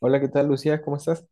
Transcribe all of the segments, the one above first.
Hola, ¿qué tal, Lucía? ¿Cómo estás?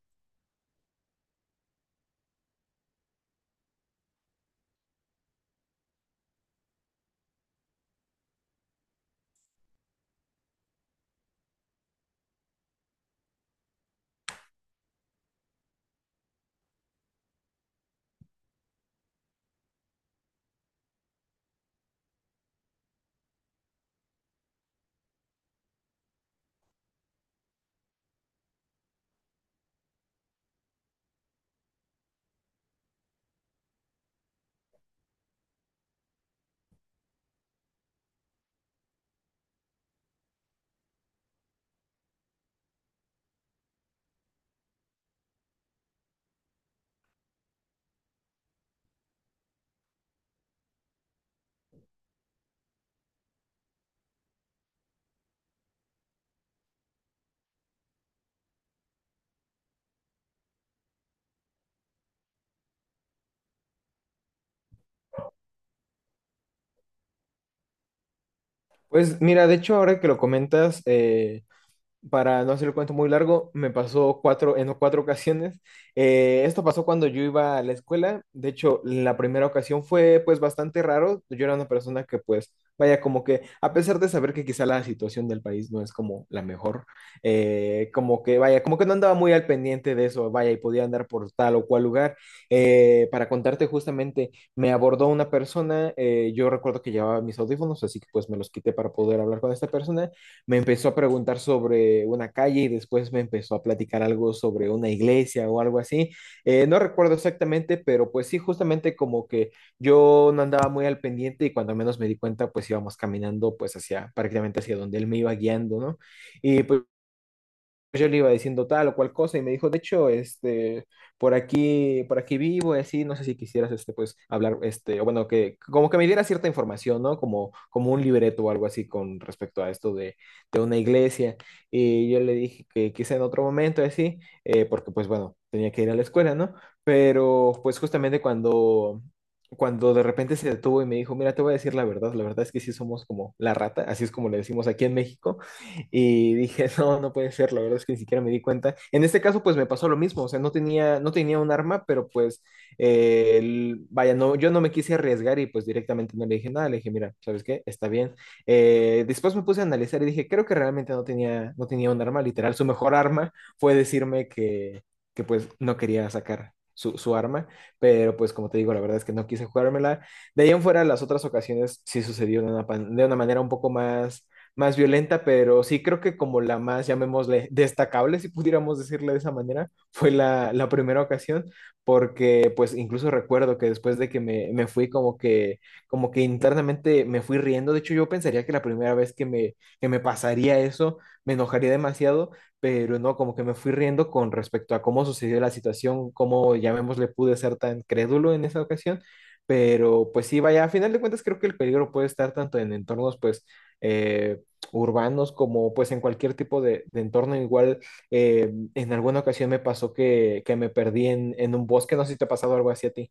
Pues mira, de hecho, ahora que lo comentas, para no hacer el cuento muy largo, me pasó en cuatro ocasiones. Esto pasó cuando yo iba a la escuela. De hecho, la primera ocasión fue pues bastante raro. Yo era una persona que pues, vaya, como que a pesar de saber que quizá la situación del país no es como la mejor, como que, vaya, como que no andaba muy al pendiente de eso, vaya, y podía andar por tal o cual lugar. Para contarte justamente, me abordó una persona, yo recuerdo que llevaba mis audífonos, así que pues me los quité para poder hablar con esta persona. Me empezó a preguntar sobre una calle y después me empezó a platicar algo sobre una iglesia o algo así. No recuerdo exactamente, pero pues sí, justamente como que yo no andaba muy al pendiente y cuando menos me di cuenta, pues íbamos caminando pues hacia prácticamente hacia donde él me iba guiando, ¿no? Y pues yo le iba diciendo tal o cual cosa y me dijo, de hecho, por aquí vivo y así, no sé si quisieras, pues, hablar, o bueno, que como que me diera cierta información, ¿no? Como un libreto o algo así con respecto a esto de una iglesia. Y yo le dije que quizá en otro momento y así, porque pues bueno, tenía que ir a la escuela, ¿no? Pero pues justamente cuando de repente se detuvo y me dijo, mira, te voy a decir la verdad es que sí somos como la rata, así es como le decimos aquí en México, y dije, no, no puede ser, la verdad es que ni siquiera me di cuenta. En este caso, pues me pasó lo mismo, o sea, no tenía un arma, pero pues, vaya, no, yo no me quise arriesgar y pues directamente no le dije nada, le dije, mira, ¿sabes qué? Está bien. Después me puse a analizar y dije, creo que realmente no tenía un arma, literal, su mejor arma fue decirme que pues no quería sacar. Su arma, pero pues como te digo, la verdad es que no quise jugármela. De ahí en fuera, las otras ocasiones sí sucedió de una manera un poco más violenta, pero sí creo que como la más, llamémosle, destacable, si pudiéramos decirle de esa manera, fue la primera ocasión, porque pues incluso recuerdo que después de que me fui como que internamente me fui riendo, de hecho yo pensaría que la primera vez que que me pasaría eso, me enojaría demasiado, pero no, como que me fui riendo con respecto a cómo sucedió la situación, cómo, llamémosle, pude ser tan crédulo en esa ocasión, pero pues sí, vaya, a final de cuentas creo que el peligro puede estar tanto en entornos, pues, eh, urbanos como pues en cualquier tipo de entorno. Igual en alguna ocasión me pasó que me perdí en un bosque, no sé si te ha pasado algo así a ti.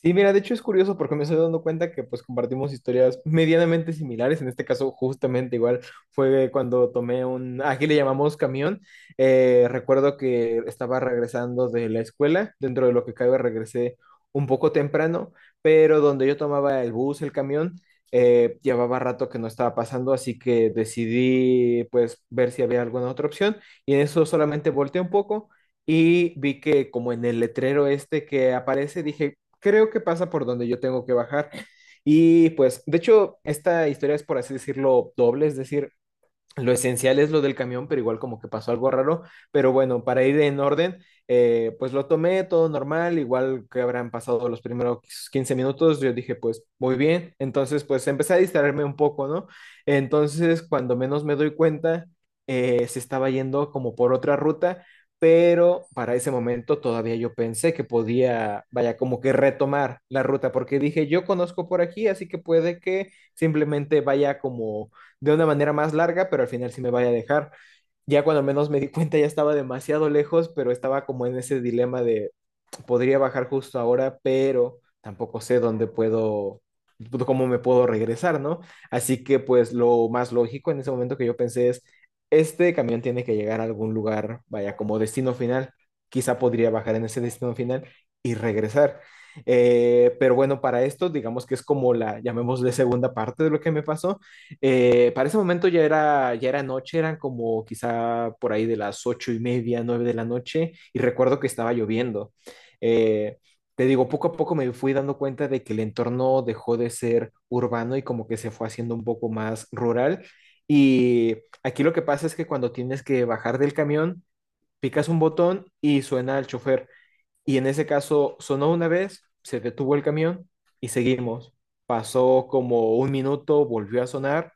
Sí, mira, de hecho es curioso porque me estoy dando cuenta que pues compartimos historias medianamente similares. En este caso, justamente igual fue cuando tomé aquí le llamamos camión. Recuerdo que estaba regresando de la escuela, dentro de lo que cabe regresé un poco temprano, pero donde yo tomaba el bus, el camión, llevaba rato que no estaba pasando, así que decidí pues ver si había alguna otra opción y en eso solamente volteé un poco. Y vi que como en el letrero este que aparece, dije, creo que pasa por donde yo tengo que bajar. Y pues, de hecho, esta historia es, por así decirlo, doble, es decir, lo esencial es lo del camión, pero igual como que pasó algo raro. Pero bueno, para ir en orden, pues lo tomé todo normal, igual que habrán pasado los primeros 15 minutos, yo dije, pues muy bien. Entonces, pues empecé a distraerme un poco, ¿no? Entonces, cuando menos me doy cuenta, se estaba yendo como por otra ruta, pero para ese momento todavía yo pensé que podía, vaya, como que retomar la ruta, porque dije, yo conozco por aquí, así que puede que simplemente vaya como de una manera más larga, pero al final sí me vaya a dejar. Ya cuando menos me di cuenta ya estaba demasiado lejos, pero estaba como en ese dilema de, podría bajar justo ahora, pero tampoco sé dónde puedo, cómo me puedo regresar, ¿no? Así que pues lo más lógico en ese momento que yo pensé es, este camión tiene que llegar a algún lugar, vaya, como destino final, quizá podría bajar en ese destino final y regresar. Pero bueno, para esto, digamos que es como la, llamémosle segunda parte de lo que me pasó. Para ese momento ya era noche, eran como quizá por ahí de las 8:30, 9 de la noche, y recuerdo que estaba lloviendo. Eh, te digo, poco a poco me fui dando cuenta de que el entorno dejó de ser urbano y como que se fue haciendo un poco más rural. Y aquí lo que pasa es que cuando tienes que bajar del camión, picas un botón y suena el chofer. Y en ese caso sonó una vez, se detuvo el camión y seguimos. Pasó como un minuto, volvió a sonar,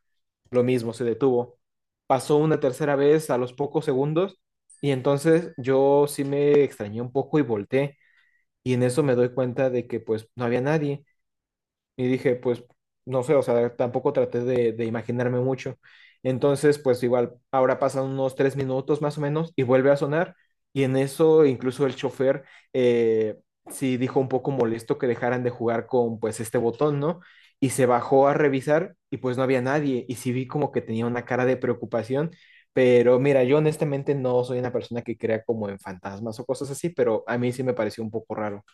lo mismo, se detuvo. Pasó una tercera vez a los pocos segundos y entonces yo sí me extrañé un poco y volteé y en eso me doy cuenta de que pues no había nadie. Y dije, pues no sé, o sea, tampoco traté de imaginarme mucho. Entonces, pues igual, ahora pasan unos 3 minutos más o menos y vuelve a sonar. Y en eso incluso el chofer eh, sí dijo un poco molesto que dejaran de jugar con pues este botón, ¿no? Y se bajó a revisar y pues no había nadie. Y sí vi como que tenía una cara de preocupación. Pero mira, yo honestamente no soy una persona que crea como en fantasmas o cosas así, pero a mí sí me pareció un poco raro.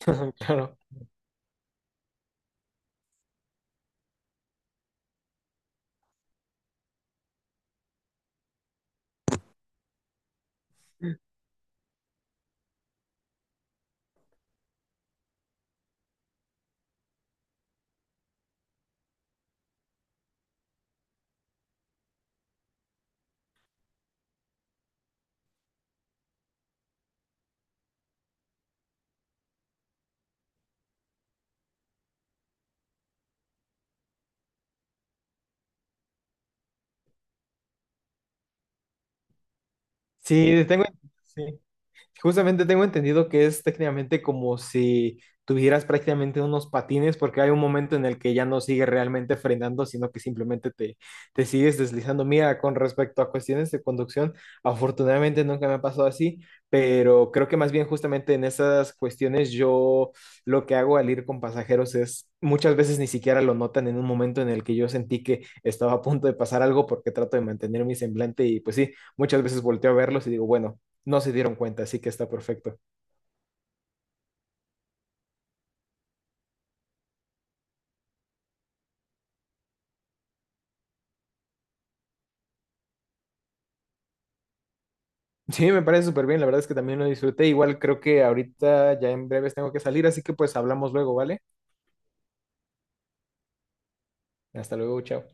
Claro. Sí, tengo. Sí. Justamente tengo entendido que es técnicamente como si tuvieras prácticamente unos patines, porque hay un momento en el que ya no sigue realmente frenando, sino que simplemente te sigues deslizando. Mira, con respecto a cuestiones de conducción, afortunadamente nunca me ha pasado así, pero creo que más bien justamente en esas cuestiones yo lo que hago al ir con pasajeros es muchas veces ni siquiera lo notan en un momento en el que yo sentí que estaba a punto de pasar algo porque trato de mantener mi semblante y pues sí, muchas veces volteo a verlos y digo, bueno no se dieron cuenta, así que está perfecto. Sí, me parece súper bien, la verdad es que también lo disfruté. Igual creo que ahorita ya en breves tengo que salir, así que pues hablamos luego, ¿vale? Hasta luego, chao.